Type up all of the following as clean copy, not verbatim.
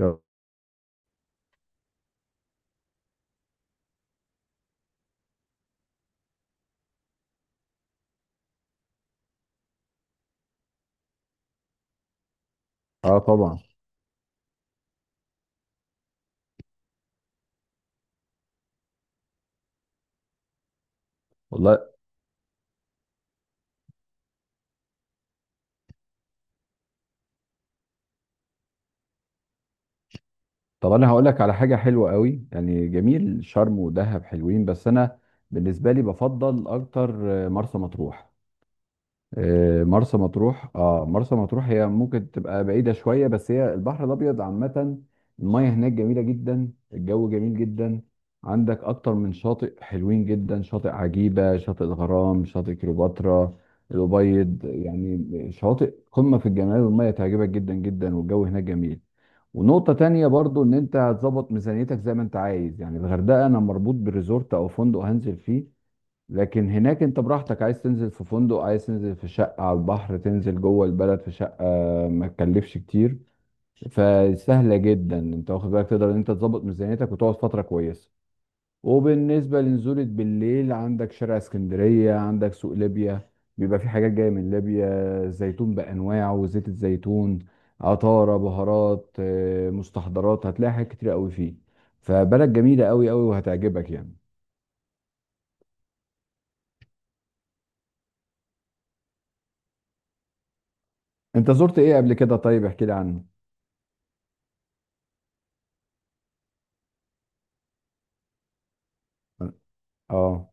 اه. طبعا. والله. طب انا هقول لك على حاجه حلوه قوي، يعني جميل، شرم ودهب حلوين بس انا بالنسبه لي بفضل اكتر مرسى مطروح. مرسى مطروح هي ممكن تبقى بعيده شويه بس هي البحر الابيض عامه. الميه هناك جميله جدا، الجو جميل جدا. عندك اكتر من شاطئ حلوين جدا، شاطئ عجيبه، شاطئ الغرام، شاطئ كليوباترا الابيض، يعني شواطئ قمه في الجمال والميه تعجبك جدا جدا والجو هناك جميل. ونقطة تانية برضو ان انت هتظبط ميزانيتك زي ما انت عايز، يعني الغردقة انا مربوط بالريزورت او فندق هنزل فيه، لكن هناك انت براحتك، عايز تنزل في فندق، عايز تنزل في شقة على البحر، تنزل جوه البلد في شقة ما تكلفش كتير. فسهلة جدا انت واخد بالك، تقدر ان انت تظبط ميزانيتك وتقعد فترة كويسة. وبالنسبة لنزولة بالليل، عندك شارع اسكندرية، عندك سوق ليبيا، بيبقى في حاجات جاية من ليبيا، زيتون بأنواعه وزيت الزيتون، عطارة، بهارات، مستحضرات، هتلاقي حاجات كتير قوي فيه. فبلد جميلة قوي قوي وهتعجبك يعني. انت زرت ايه قبل كده؟ طيب احكي لي عنه. اه.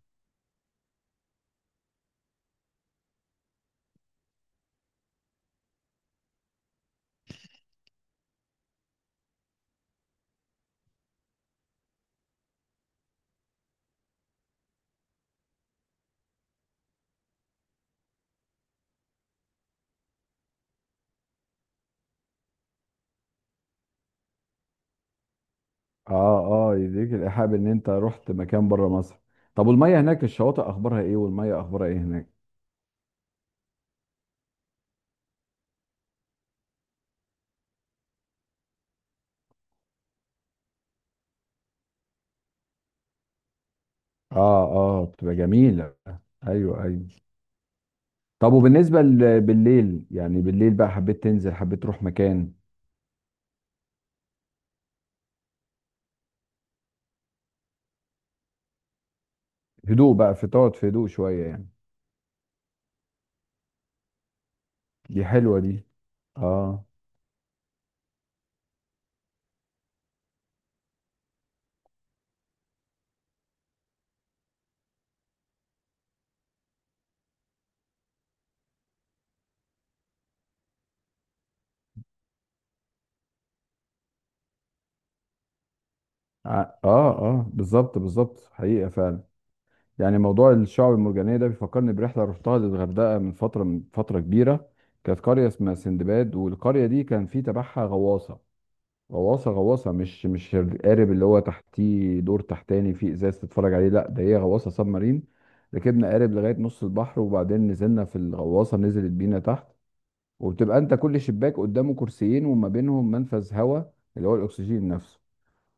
اه. اه، يديك الإيحاء ان انت رحت مكان بره مصر. طب والمية هناك الشواطئ اخبارها ايه والمية اخبارها ايه هناك؟ اه اه، بتبقى جميلة. ايوه ايوه. طب وبالنسبة بالليل، يعني بالليل بقى حبيت تنزل، حبيت تروح مكان. هدوء بقى، في تقعد في هدوء شوية يعني. دي حلوة دي. اه. اه اه، بالظبط بالظبط، حقيقة فعلا. يعني موضوع الشعب المرجانية ده بيفكرني برحلة رحتها للغردقة من فترة، من فترة كبيرة. كانت قرية اسمها سندباد، والقرية دي كان في تبعها غواصة. غواصة، مش القارب اللي هو تحتيه دور تحتاني فيه ازاز تتفرج عليه، لا ده هي غواصة سب مارين. ركبنا قارب لغاية نص البحر وبعدين نزلنا في الغواصة، نزلت بينا تحت. وبتبقى انت كل شباك قدامه كرسيين وما بينهم منفذ هواء اللي هو الاكسجين نفسه.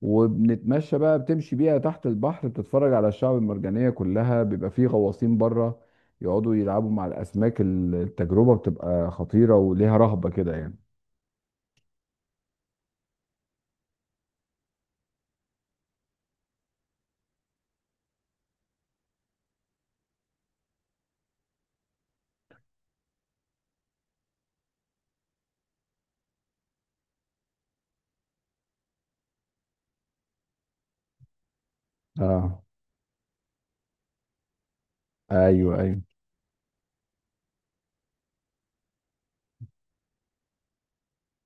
وبنتمشى بقى، بتمشي بيها تحت البحر بتتفرج على الشعب المرجانية كلها، بيبقى فيه غواصين بره يقعدوا يلعبوا مع الاسماك. التجربة بتبقى خطيرة وليها رهبة كده يعني. اه. ايوه ايوه.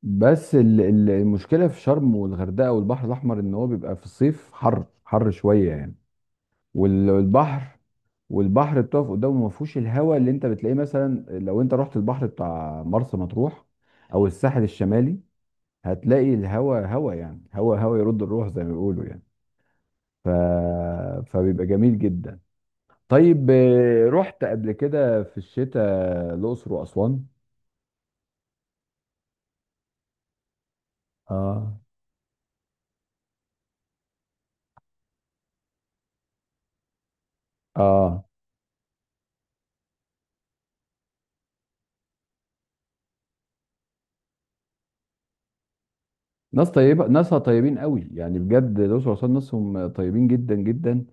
بس المشكله في شرم والغردقه والبحر الاحمر ان هو بيبقى في الصيف حر حر شويه يعني. وال- والبحر والبحر بتقف قدامه ما فيهوش الهواء اللي انت بتلاقيه مثلا لو انت رحت البحر بتاع مرسى مطروح او الساحل الشمالي. هتلاقي الهواء هواء، يعني هواء هواء يرد الروح زي ما بيقولوا يعني. ف... فبيبقى جميل جدا. طيب رحت قبل كده في الشتاء الاقصر واسوان. اه اه. ناس طيبة، ناسها طيبين قوي يعني بجد، الأقصر وأسوان ناسهم طيبين جدا جدا.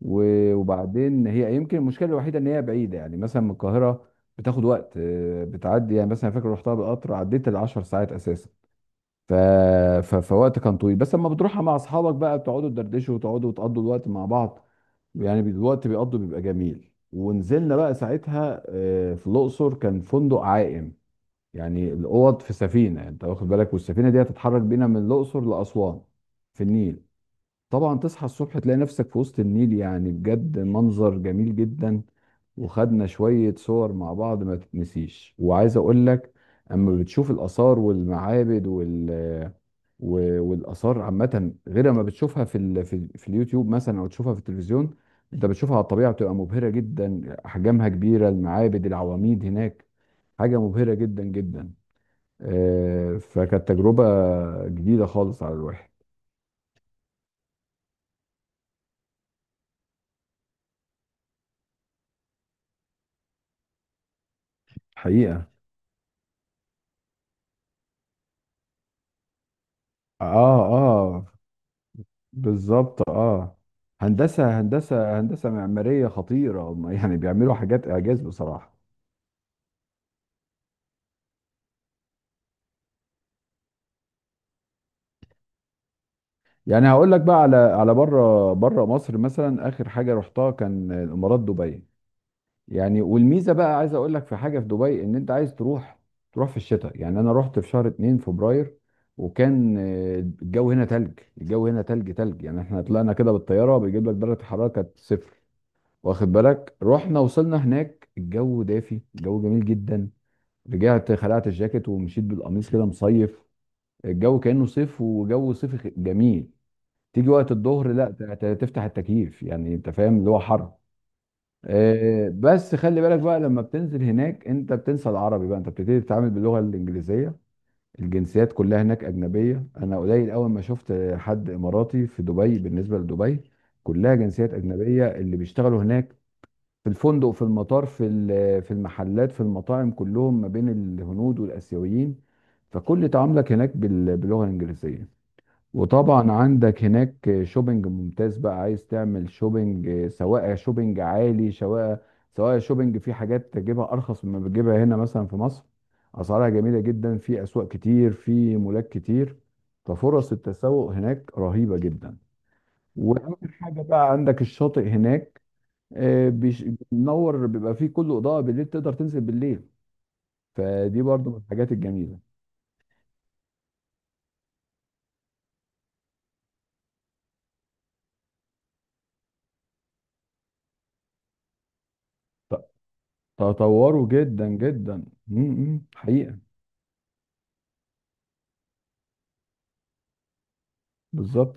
وبعدين هي يمكن المشكلة الوحيدة إن هي بعيدة يعني مثلا من القاهرة، بتاخد وقت، بتعدي يعني مثلا، فاكر رحتها بالقطر عديت العشر ساعات أساسا. ف... فوقت كان طويل، بس لما بتروحها مع أصحابك بقى بتقعدوا تدردشوا وتقعدوا وتقضوا الوقت مع بعض يعني. الوقت بيقضوا بيبقى جميل. ونزلنا بقى ساعتها في الأقصر، كان فندق عائم، يعني الاوض في سفينه، يعني انت واخد بالك، والسفينه دي هتتحرك بينا من الاقصر لاسوان في النيل. طبعا تصحى الصبح تلاقي نفسك في وسط النيل، يعني بجد منظر جميل جدا. وخدنا شويه صور مع بعض ما تتنسيش. وعايز اقول لك، اما بتشوف الاثار والمعابد والاثار عامه، غير ما بتشوفها في اليوتيوب مثلا او تشوفها في التلفزيون، انت بتشوفها على الطبيعه بتبقى مبهره جدا، احجامها كبيره، المعابد، العواميد هناك حاجه مبهره جدا جدا. فكانت تجربة جديدة خالص على الواحد. حقيقة. اه اه، بالظبط اه. هندسة معمارية خطيرة هم يعني بيعملوا حاجات إعجاز بصراحة. يعني هقول لك بقى على بره مصر مثلا، آخر حاجة رحتها كان الإمارات، دبي. يعني والميزه بقى عايز اقول لك في حاجه في دبي، ان انت عايز تروح، تروح في الشتاء، يعني انا رحت في شهر 2 فبراير. وكان الجو هنا تلج، الجو هنا تلج يعني احنا طلعنا كده بالطياره بيجيب لك درجه الحراره كانت صفر. واخد بالك؟ رحنا وصلنا هناك، الجو دافي، الجو جميل جدا. رجعت خلعت الجاكيت ومشيت بالقميص كده، مصيف. الجو كانه صيف وجو صيفي جميل. تيجي وقت الظهر لا تفتح التكييف، يعني انت فاهم اللي هو حر. بس خلي بالك بقى لما بتنزل هناك، انت بتنسى العربي بقى، انت بتبتدي تتعامل باللغه الانجليزيه. الجنسيات كلها هناك اجنبيه، انا قليل اول ما شفت حد اماراتي في دبي. بالنسبه لدبي، كلها جنسيات اجنبيه اللي بيشتغلوا هناك، في الفندق، في المطار، في المحلات، في المطاعم، كلهم ما بين الهنود والاسيويين. فكل تعاملك هناك باللغه الانجليزيه. وطبعا عندك هناك شوبينج ممتاز، بقى عايز تعمل شوبينج، سواء شوبينج عالي، سواء شوبينج في حاجات تجيبها ارخص مما بتجيبها هنا مثلا في مصر. اسعارها جميله جدا، في اسواق كتير، في مولات كتير. ففرص التسوق هناك رهيبه جدا. واهم حاجه بقى عندك الشاطئ هناك آه، بيش- بينور، بيبقى فيه كله اضاءه بالليل، تقدر تنزل بالليل. فدي برضو من الحاجات الجميله. ت- تطوروا جدا جدا م- م، حقيقه. بالظبط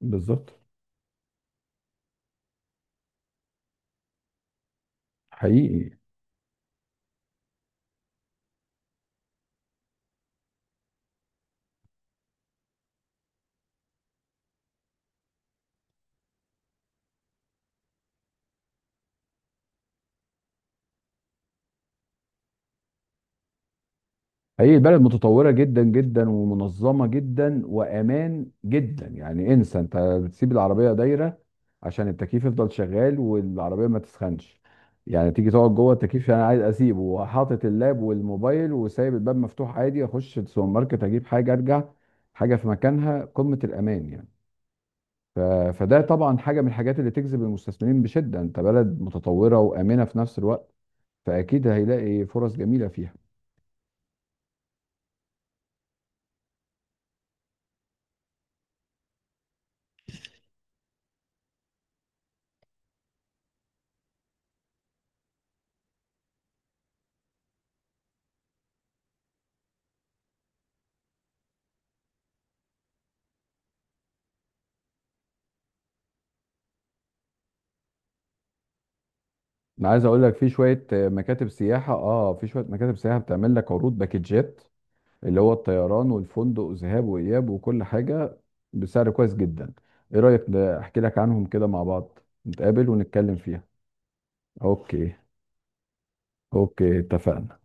بالظبط. حقيقي حقيقي، البلد متطورة جدا جدا ومنظمة جدا وأمان جدا، يعني انسى، انت بتسيب العربية دايرة عشان التكييف يفضل شغال والعربية ما تسخنش، يعني تيجي تقعد جوه التكييف، انا عايز اسيبه وحاطط اللاب والموبايل وسايب الباب مفتوح عادي، اخش السوبر ماركت اجيب حاجة ارجع، حاجة في مكانها، قمة الأمان يعني. ف... فده طبعا حاجة من الحاجات اللي تجذب المستثمرين بشدة، انت بلد متطورة وآمنة في نفس الوقت، فأكيد هيلاقي فرص جميلة فيها. انا عايز اقول لك في شويه مكاتب سياحه، اه، في شويه مكاتب سياحه بتعمل لك عروض باكجات، اللي هو الطيران والفندق وذهاب واياب وكل حاجه، بسعر كويس جدا. ايه رايك ده؟ احكي لك عنهم كده مع بعض، نتقابل ونتكلم فيها. اوكي. اوكي، اتفقنا.